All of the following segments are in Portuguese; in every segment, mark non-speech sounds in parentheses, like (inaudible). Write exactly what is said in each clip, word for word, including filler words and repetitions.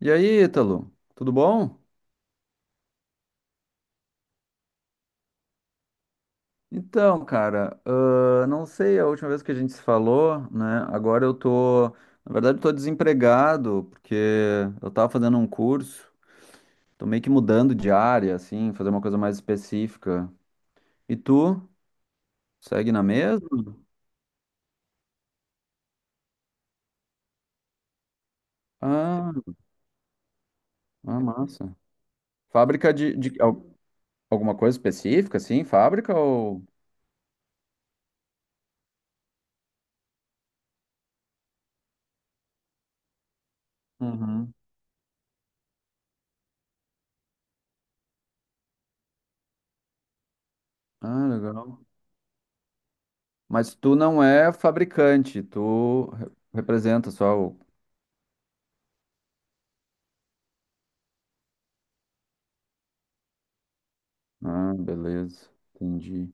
E aí, Ítalo, tudo bom? Então, cara, ah, não sei a última vez que a gente se falou, né? Agora eu tô, na verdade, eu tô desempregado, porque eu tava fazendo um curso, tô meio que mudando de área, assim, fazer uma coisa mais específica. E tu, segue na mesma? Ah, ah, massa. Fábrica de, de al- alguma coisa específica, assim, fábrica ou... Uhum. Ah, legal. Mas tu não é fabricante, tu re- representa só o... Ah, beleza. Entendi.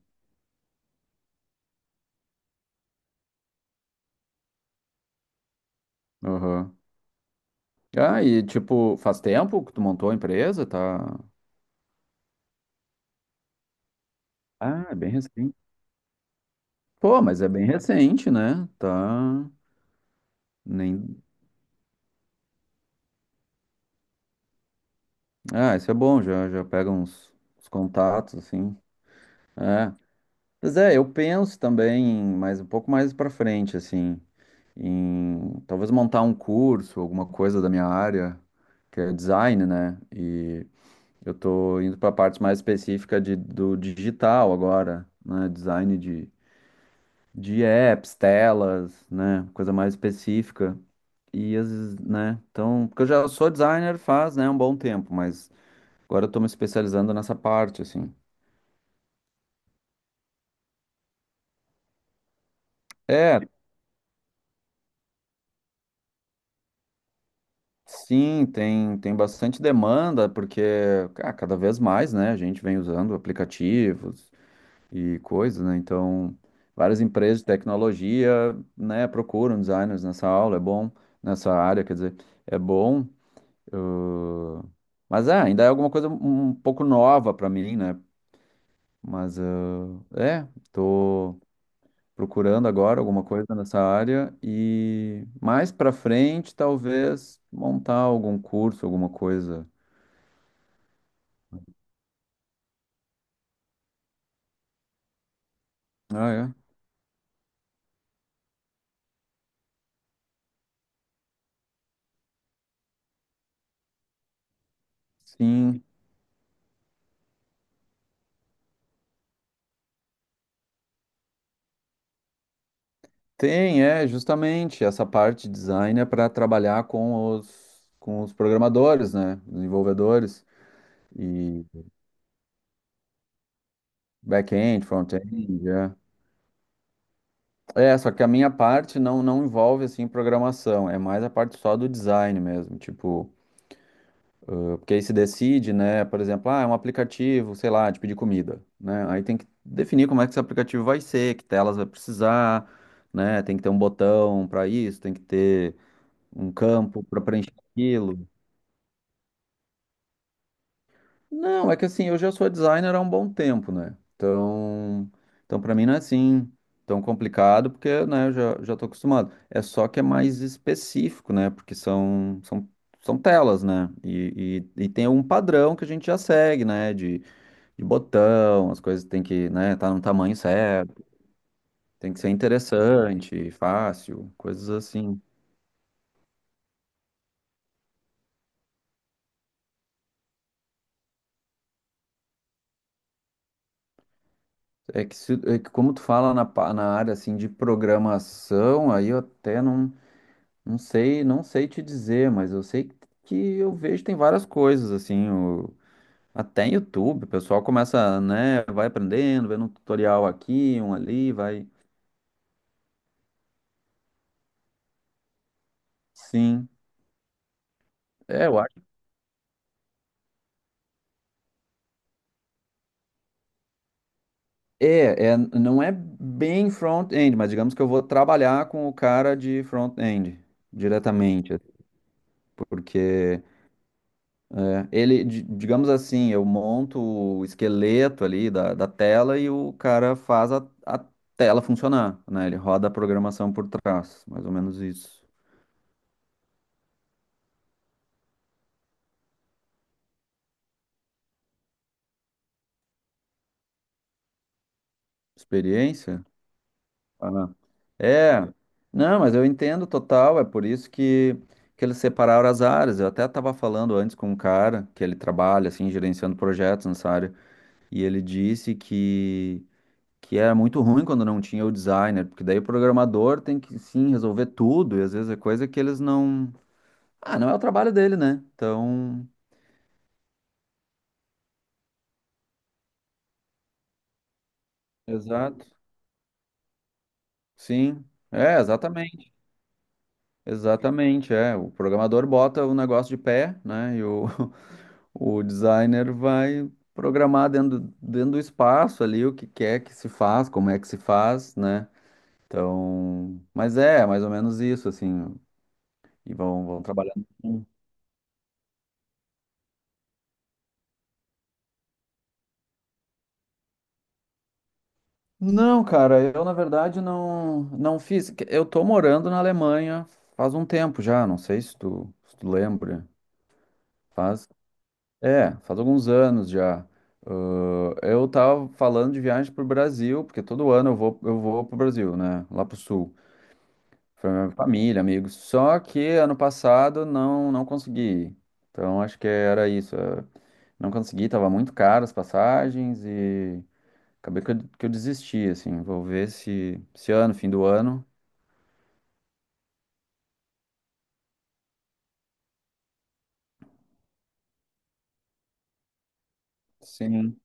Aham. Ah, e tipo, faz tempo que tu montou a empresa, tá? Ah, é bem recente. Pô, mas é bem recente, né? Tá. Nem... Ah, isso é bom, já, já pega uns, uns contatos, assim. É. Mas é, eu penso também, mas um pouco mais pra frente, assim, em talvez montar um curso, alguma coisa da minha área, que é design, né? E eu tô indo para partes mais específicas de, do digital agora, né? Design de, de apps, telas, né? Coisa mais específica. E às vezes, né? Então, porque eu já sou designer faz, né, um bom tempo, mas agora eu tô me especializando nessa parte, assim. É, sim, tem, tem bastante demanda, porque ah, cada vez mais, né? A gente vem usando aplicativos e coisas, né? Então, várias empresas de tecnologia, né, procuram designers nessa aula, é bom nessa área, quer dizer, é bom. ãh, mas é, ainda é alguma coisa um um pouco nova para mim, né? Mas ãh, é, tô procurando agora alguma coisa nessa área e mais para frente talvez montar algum curso, alguma coisa. Ah, é. Sim. Tem, é, justamente essa parte de design é para trabalhar com os, com os programadores, né? Desenvolvedores e back-end, front-end, é. É, só que a minha parte não, não envolve assim programação, é mais a parte só do design mesmo, tipo, porque aí se decide, né, por exemplo, ah, é um aplicativo, sei lá, de pedir comida, né? Aí tem que definir como é que esse aplicativo vai ser, que telas vai precisar, né? Tem que ter um botão para isso, tem que ter um campo para preencher aquilo. Não, é que assim, eu já sou designer há um bom tempo, né? Então, então para mim não é assim tão complicado, porque, né, eu já, já tô acostumado. É só que é mais específico, né? Porque são, são, são telas, né? E, e, e tem um padrão que a gente já segue, né? De, de botão, as coisas tem que, né, tá no tamanho certo, tem que ser interessante, fácil, coisas assim. É que, se- é que como tu fala na, pa- na área, assim, de programação, aí eu até não... Não sei, não sei te dizer, mas eu sei que eu vejo tem várias coisas assim, o- até em YouTube, o pessoal começa, né, vai aprendendo, vendo um tutorial aqui, um ali, vai. Sim. É, eu acho. É, é, não é bem front-end, mas digamos que eu vou trabalhar com o cara de front-end diretamente, porque é, ele, di- digamos assim, eu monto o esqueleto ali da, da tela e o cara faz a, a tela funcionar, né? Ele roda a programação por trás, mais ou menos isso. Experiência? Ah, é, não, mas eu entendo total, é por isso que, que eles separaram as áreas. Eu até estava falando antes com um cara que ele trabalha, assim, gerenciando projetos nessa área, e ele disse que que era muito ruim quando não tinha o designer, porque daí o programador tem que sim resolver tudo, e às vezes é coisa que eles não. Ah, não é o trabalho dele, né? Então, exato. Sim. É, exatamente. Exatamente, é. O programador bota o negócio de pé, né? E o, (laughs) o designer vai programar dentro, dentro do espaço ali o que quer que se faz, como é que se faz, né? Então, mas é, mais ou menos isso, assim. E vão, vão trabalhando. Não, cara, eu na verdade não, não fiz. Eu tô morando na Alemanha faz um tempo já, não sei se tu, se tu lembra. Faz, é, faz alguns anos já. Ahn, eu tava falando de viagem pro Brasil, porque todo ano eu vou, eu vou pro Brasil, né? Lá pro sul. Pra minha família, amigos. Só que ano passado não, não consegui ir. Então acho que era isso. eh, Não consegui, tava muito caro as passagens e... Acabei que eu, que eu desisti, assim. Vou ver se esse ano, fim do ano. Sim.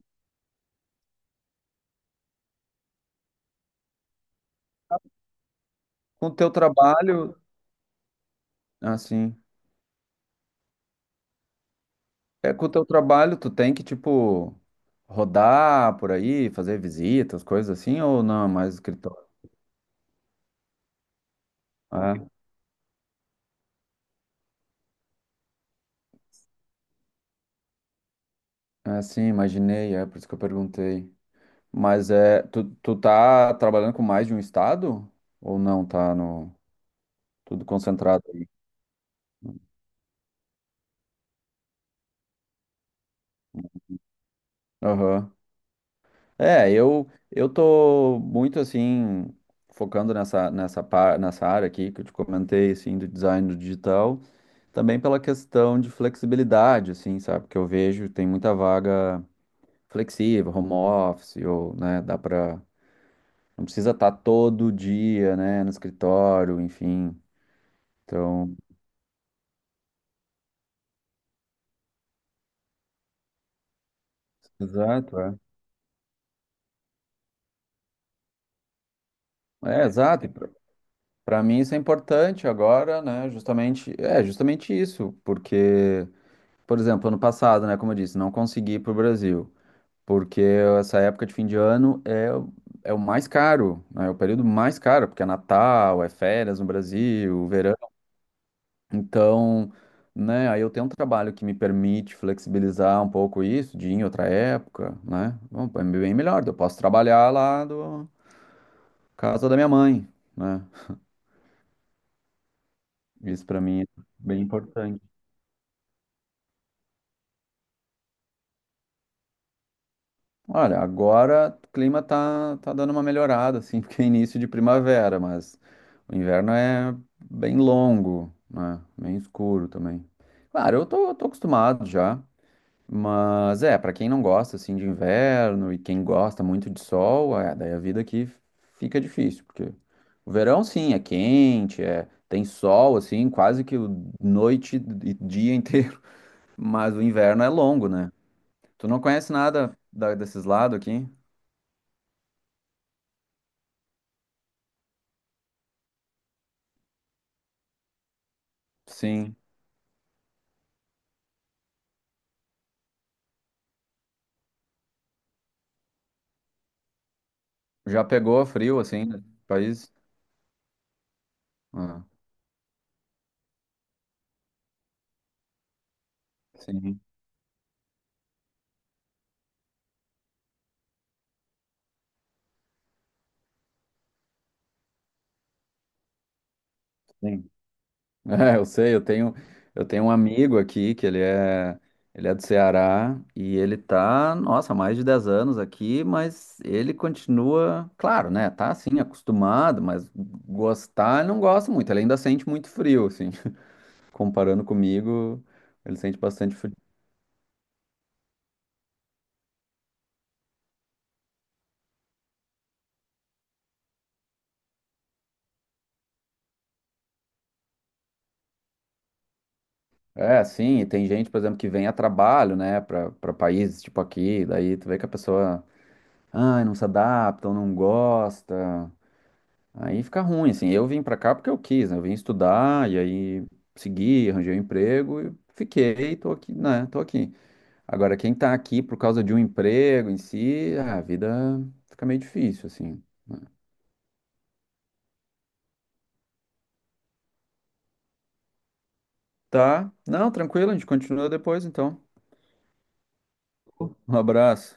Com o teu trabalho, assim. É, com o teu trabalho, tu tem que, tipo, rodar por aí, fazer visitas, coisas assim, ou não? É mais escritório. É, é, sim, imaginei, é por isso que eu perguntei. Mas é, tu, tu tá trabalhando com mais de um estado? Ou não? Tá no, tudo concentrado aí? Aham. É, eu eu tô muito assim focando nessa nessa par- nessa área aqui que eu te comentei assim do design do digital, também pela questão de flexibilidade, assim, sabe? Que eu vejo tem muita vaga flexível, home office ou, né, dá pra não precisa estar todo dia, né, no escritório, enfim. Então, exato, é. É, exato. Para mim isso é importante agora, né? Justamente, é justamente isso, porque por exemplo, ano passado, né, como eu disse, não consegui ir para Brasil, porque essa época de fim de ano é, o- é o mais caro, né, é o período mais caro, porque é Natal, é férias no Brasil, verão. Então, né, aí eu tenho um trabalho que me permite flexibilizar um pouco isso, de ir em outra época, né? Bom, é bem melhor, eu posso trabalhar lá do casa da minha mãe, né? Isso para mim é bem importante. Olha, agora o clima tá, tá dando uma melhorada, assim, (laughs) porque é início de primavera, mas o inverno é bem longo, né? Bem escuro também. Claro, eu tô, eu tô acostumado já, mas é, pra quem não gosta, assim, de inverno e quem gosta muito de sol, é, daí a vida aqui fica difícil, porque o verão, sim, é quente, é, tem sol, assim, quase que o- noite e dia inteiro, (laughs) mas o inverno é longo, né? Tu não conhece nada da- desses lados aqui? Sim. Já pegou frio assim, no país? Ah, sim, sim. (laughs) É, eu sei, eu tenho, eu tenho um amigo aqui que ele é, ele é do Ceará e ele tá, nossa, há mais de dez anos aqui, mas ele continua, claro, né? Tá assim, acostumado, mas gostar ele não gosta muito, ele ainda sente muito frio, assim. (laughs) Comparando comigo, ele sente bastante frio. É, sim, e tem gente, por exemplo, que vem a trabalho, né, para para países tipo aqui, daí tu vê que a pessoa... Ah, não se adapta ou não gosta. Aí fica ruim, assim. Eu vim pra cá porque eu quis, né? Eu vim estudar e aí segui, arranjei um emprego e fiquei, tô aqui, né? Tô aqui. Agora, quem tá aqui por causa de um emprego em si, ah, a vida fica meio difícil, assim, né? Tá? Não, tranquilo, a gente continua depois, então. Um abraço.